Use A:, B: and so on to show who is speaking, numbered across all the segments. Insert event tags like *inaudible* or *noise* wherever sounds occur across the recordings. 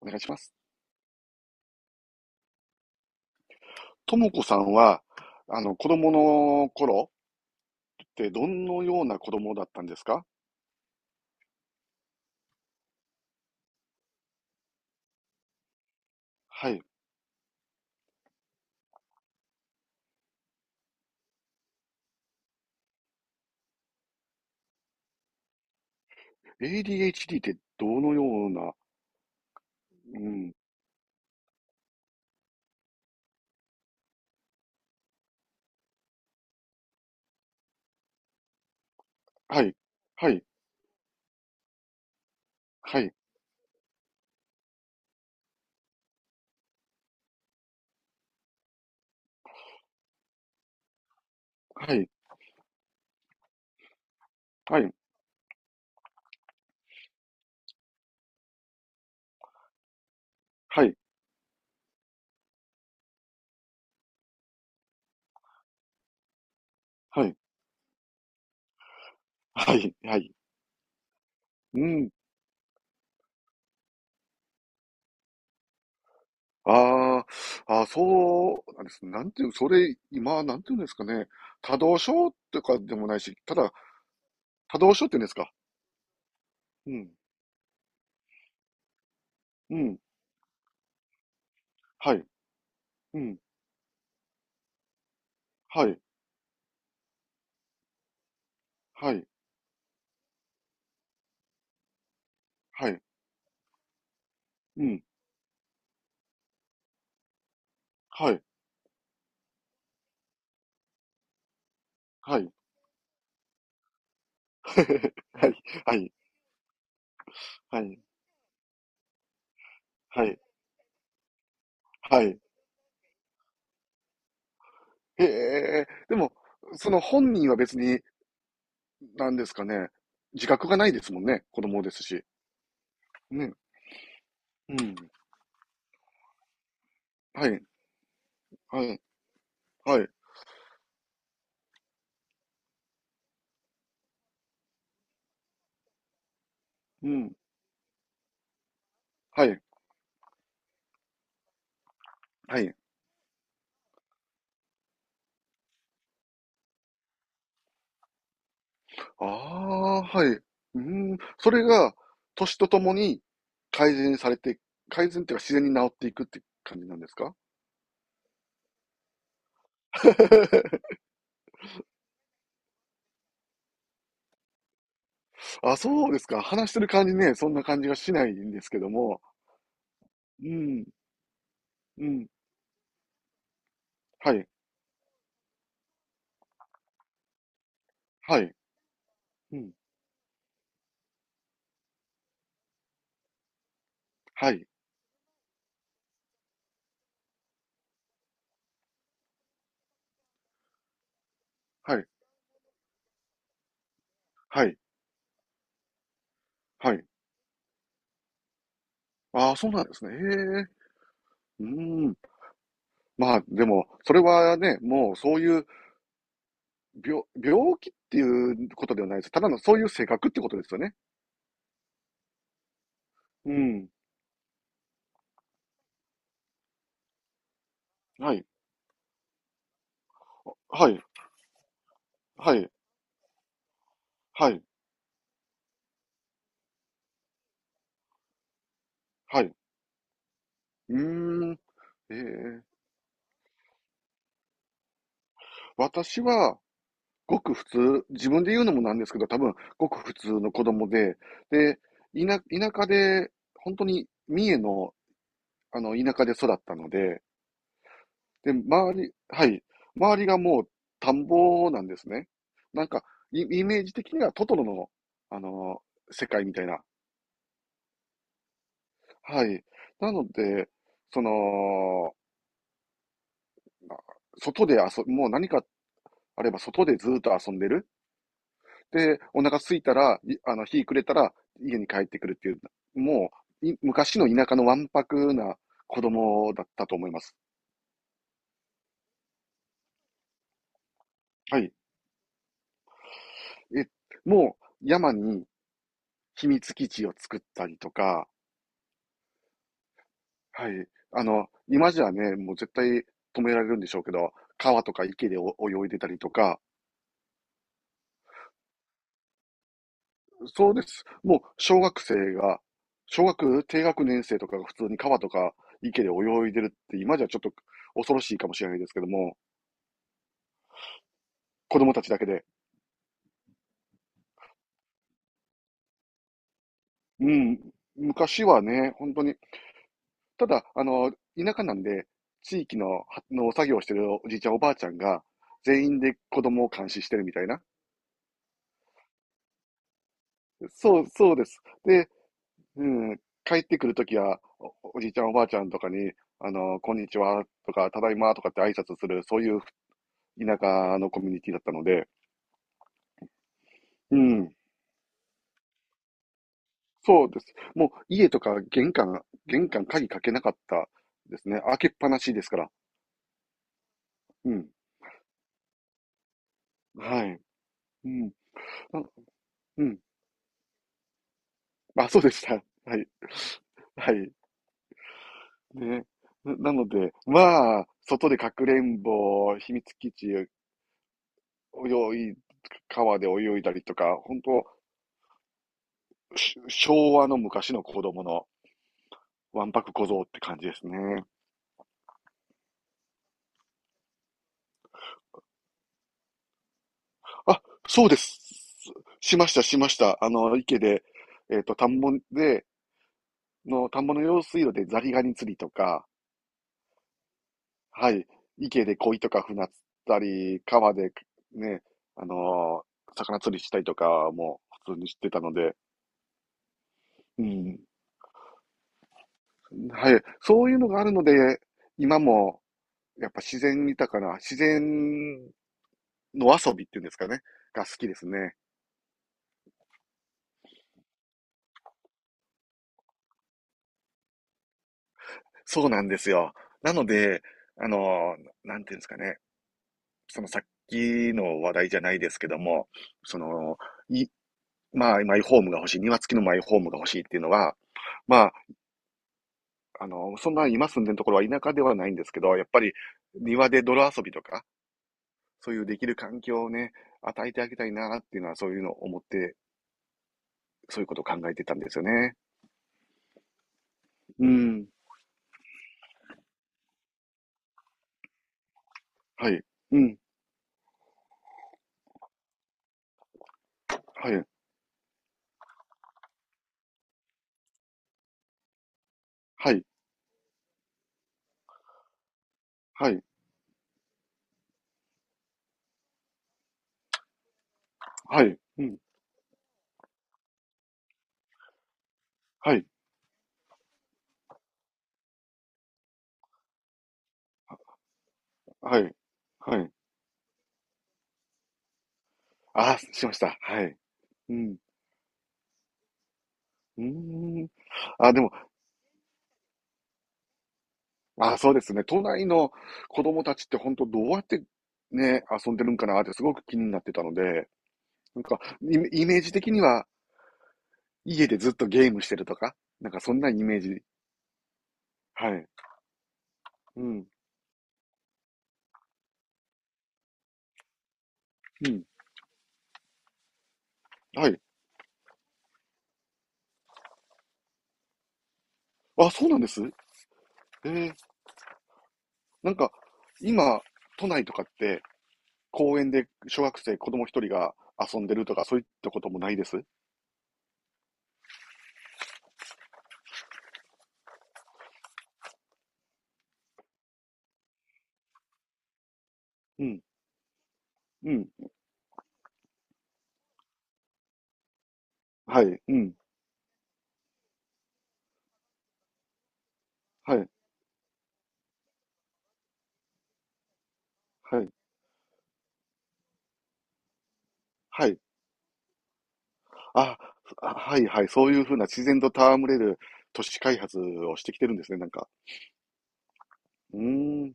A: お願いします。ともこさんは、子供の頃ってどのような子供だったんですか？はい。ADHD ってどのような、うん。はい。はい。はい。はい。はい。はい。はい。はい。はい。うん。ああ、あーそうなんです。なんていう、それ、今、なんていうんですかね。多動症とかでもないし、ただ、多動症って言うんですか？うん。うん。はい。うん。はい。はい。はい。うん。はい。はい。はい、はい、はい、はい、はい。へえ、でも、その本人は別に、なんですかね、自覚がないですもんね、子供ですし。ね、うん。はい、はい、はい、うん、はい、はい。ああ、はい。うん、それが、年とともに改善されて、改善っていうか自然に治っていくって感じなんですか？ *laughs* あ、そうですか。話してる感じね、そんな感じがしないんですけども。うん、うん、はい、はい、うん。はい、はい、はい、はい。ああ、そうなんですね。へえ。うーん。まあ、でも、それはね、もうそういう病気っていうことではないです。ただのそういう性格ってことですよね。うん。はい、はい、はい、はい、はい。うーん。ええ。私は、ごく普通、自分で言うのもなんですけど、多分、ごく普通の子供で、で、田、田舎で、本当に三重の、田舎で育ったので、で、周り、はい。周りがもう田んぼなんですね。なんか、イイメージ的にはトトロの、世界みたいな。はい。なので、その、外で遊もう何かあれば外でずっと遊んでる。で、お腹空いたら、いあの、日暮れたら家に帰ってくるっていう、もう、昔の田舎のわんぱくな子供だったと思います。はい。え、もう山に秘密基地を作ったりとか、はい。今じゃね、もう絶対止められるんでしょうけど、川とか池でお泳いでたりとか、そうです。もう小学低学年生とかが普通に川とか池で泳いでるって今じゃちょっと恐ろしいかもしれないですけども、子供たちだけで。うん。昔はね、本当に。ただ、田舎なんで、地域の、はの作業してるおじいちゃんおばあちゃんが、全員で子供を監視してるみたいな。そう、そうです。で、うん、帰ってくるときはおじいちゃんおばあちゃんとかに、こんにちはとか、ただいまとかって挨拶する、そういう田舎のコミュニティだったので、うん、そうです。もう家とか玄関、鍵かけなかったですね。開けっぱなしですから。うん、はい。うん、あうん、あ、そうでした。はい。はい。ね。なので、まあ、外でかくれんぼ、秘密基地、い、川で泳いだりとか、本当昭和の昔の子供のわんぱく小僧って感じですね。あ、そうです。しました、しました。池で、えっ、と、田んぼで、田んぼの用水路でザリガニ釣りとか、はい、池で鯉とか船釣ったり、川でね、あのー魚釣りしたりとかも普通にしてたので、うん、はい、そういうのがあるので、今もやっぱ自然豊かな、自然の遊びっていうんですかね、が好きですね。そうなんですよ。なので、あの、なんていうんですかね、そのさっきの話題じゃないですけども、その、い、まあ、マイホームが欲しい、庭付きのマイホームが欲しいっていうのは、まあ、そんな今住んでるところは田舎ではないんですけど、やっぱり庭で泥遊びとか、そういうできる環境をね、与えてあげたいなっていうのは、そういうのを思って、そういうことを考えてたんですよね。うん。はい。うん。はい。はい。はい。はい。うん。はい。はい。はい。ああ、しました。はい。うん。うーん。あ、でも、あ、そうですね。都内の子供たちって本当どうやってね、遊んでるんかなってすごく気になってたので、なんか、イメージ的には家でずっとゲームしてるとか、なんかそんなイメージ。はい。うん。うん。はい。あ、そうなんです。ええ。なんか、今、都内とかって公園で小学生、子供一人が遊んでるとか、そういったこともないです？うん。うん。はい。うん。はい。はい。はい。あ、あはいはい、そういうふうな自然と戯れる都市開発をしてきてるんですね、なんか。うーん、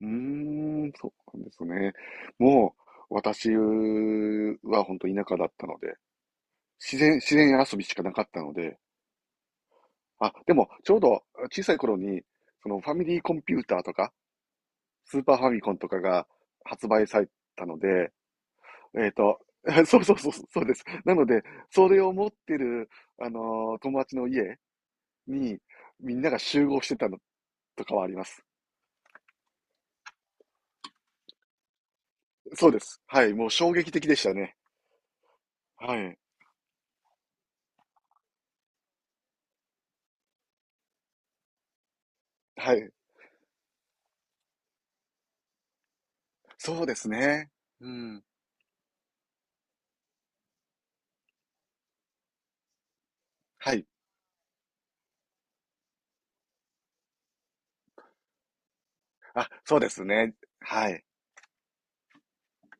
A: うーん、そうなんですね。もう、私は本当田舎だったので、自然遊びしかなかったので、あ、でも、ちょうど小さい頃に、そのファミリーコンピューターとか、スーパーファミコンとかが発売されたので、えっと、*laughs* そうそうそう、そうです。なので、それを持ってる、友達の家に、みんなが集合してたのとかはあります。そうです。はい。もう衝撃的でしたね。はい。はい。そうですね。うん。はい。あ、そうですね。はい。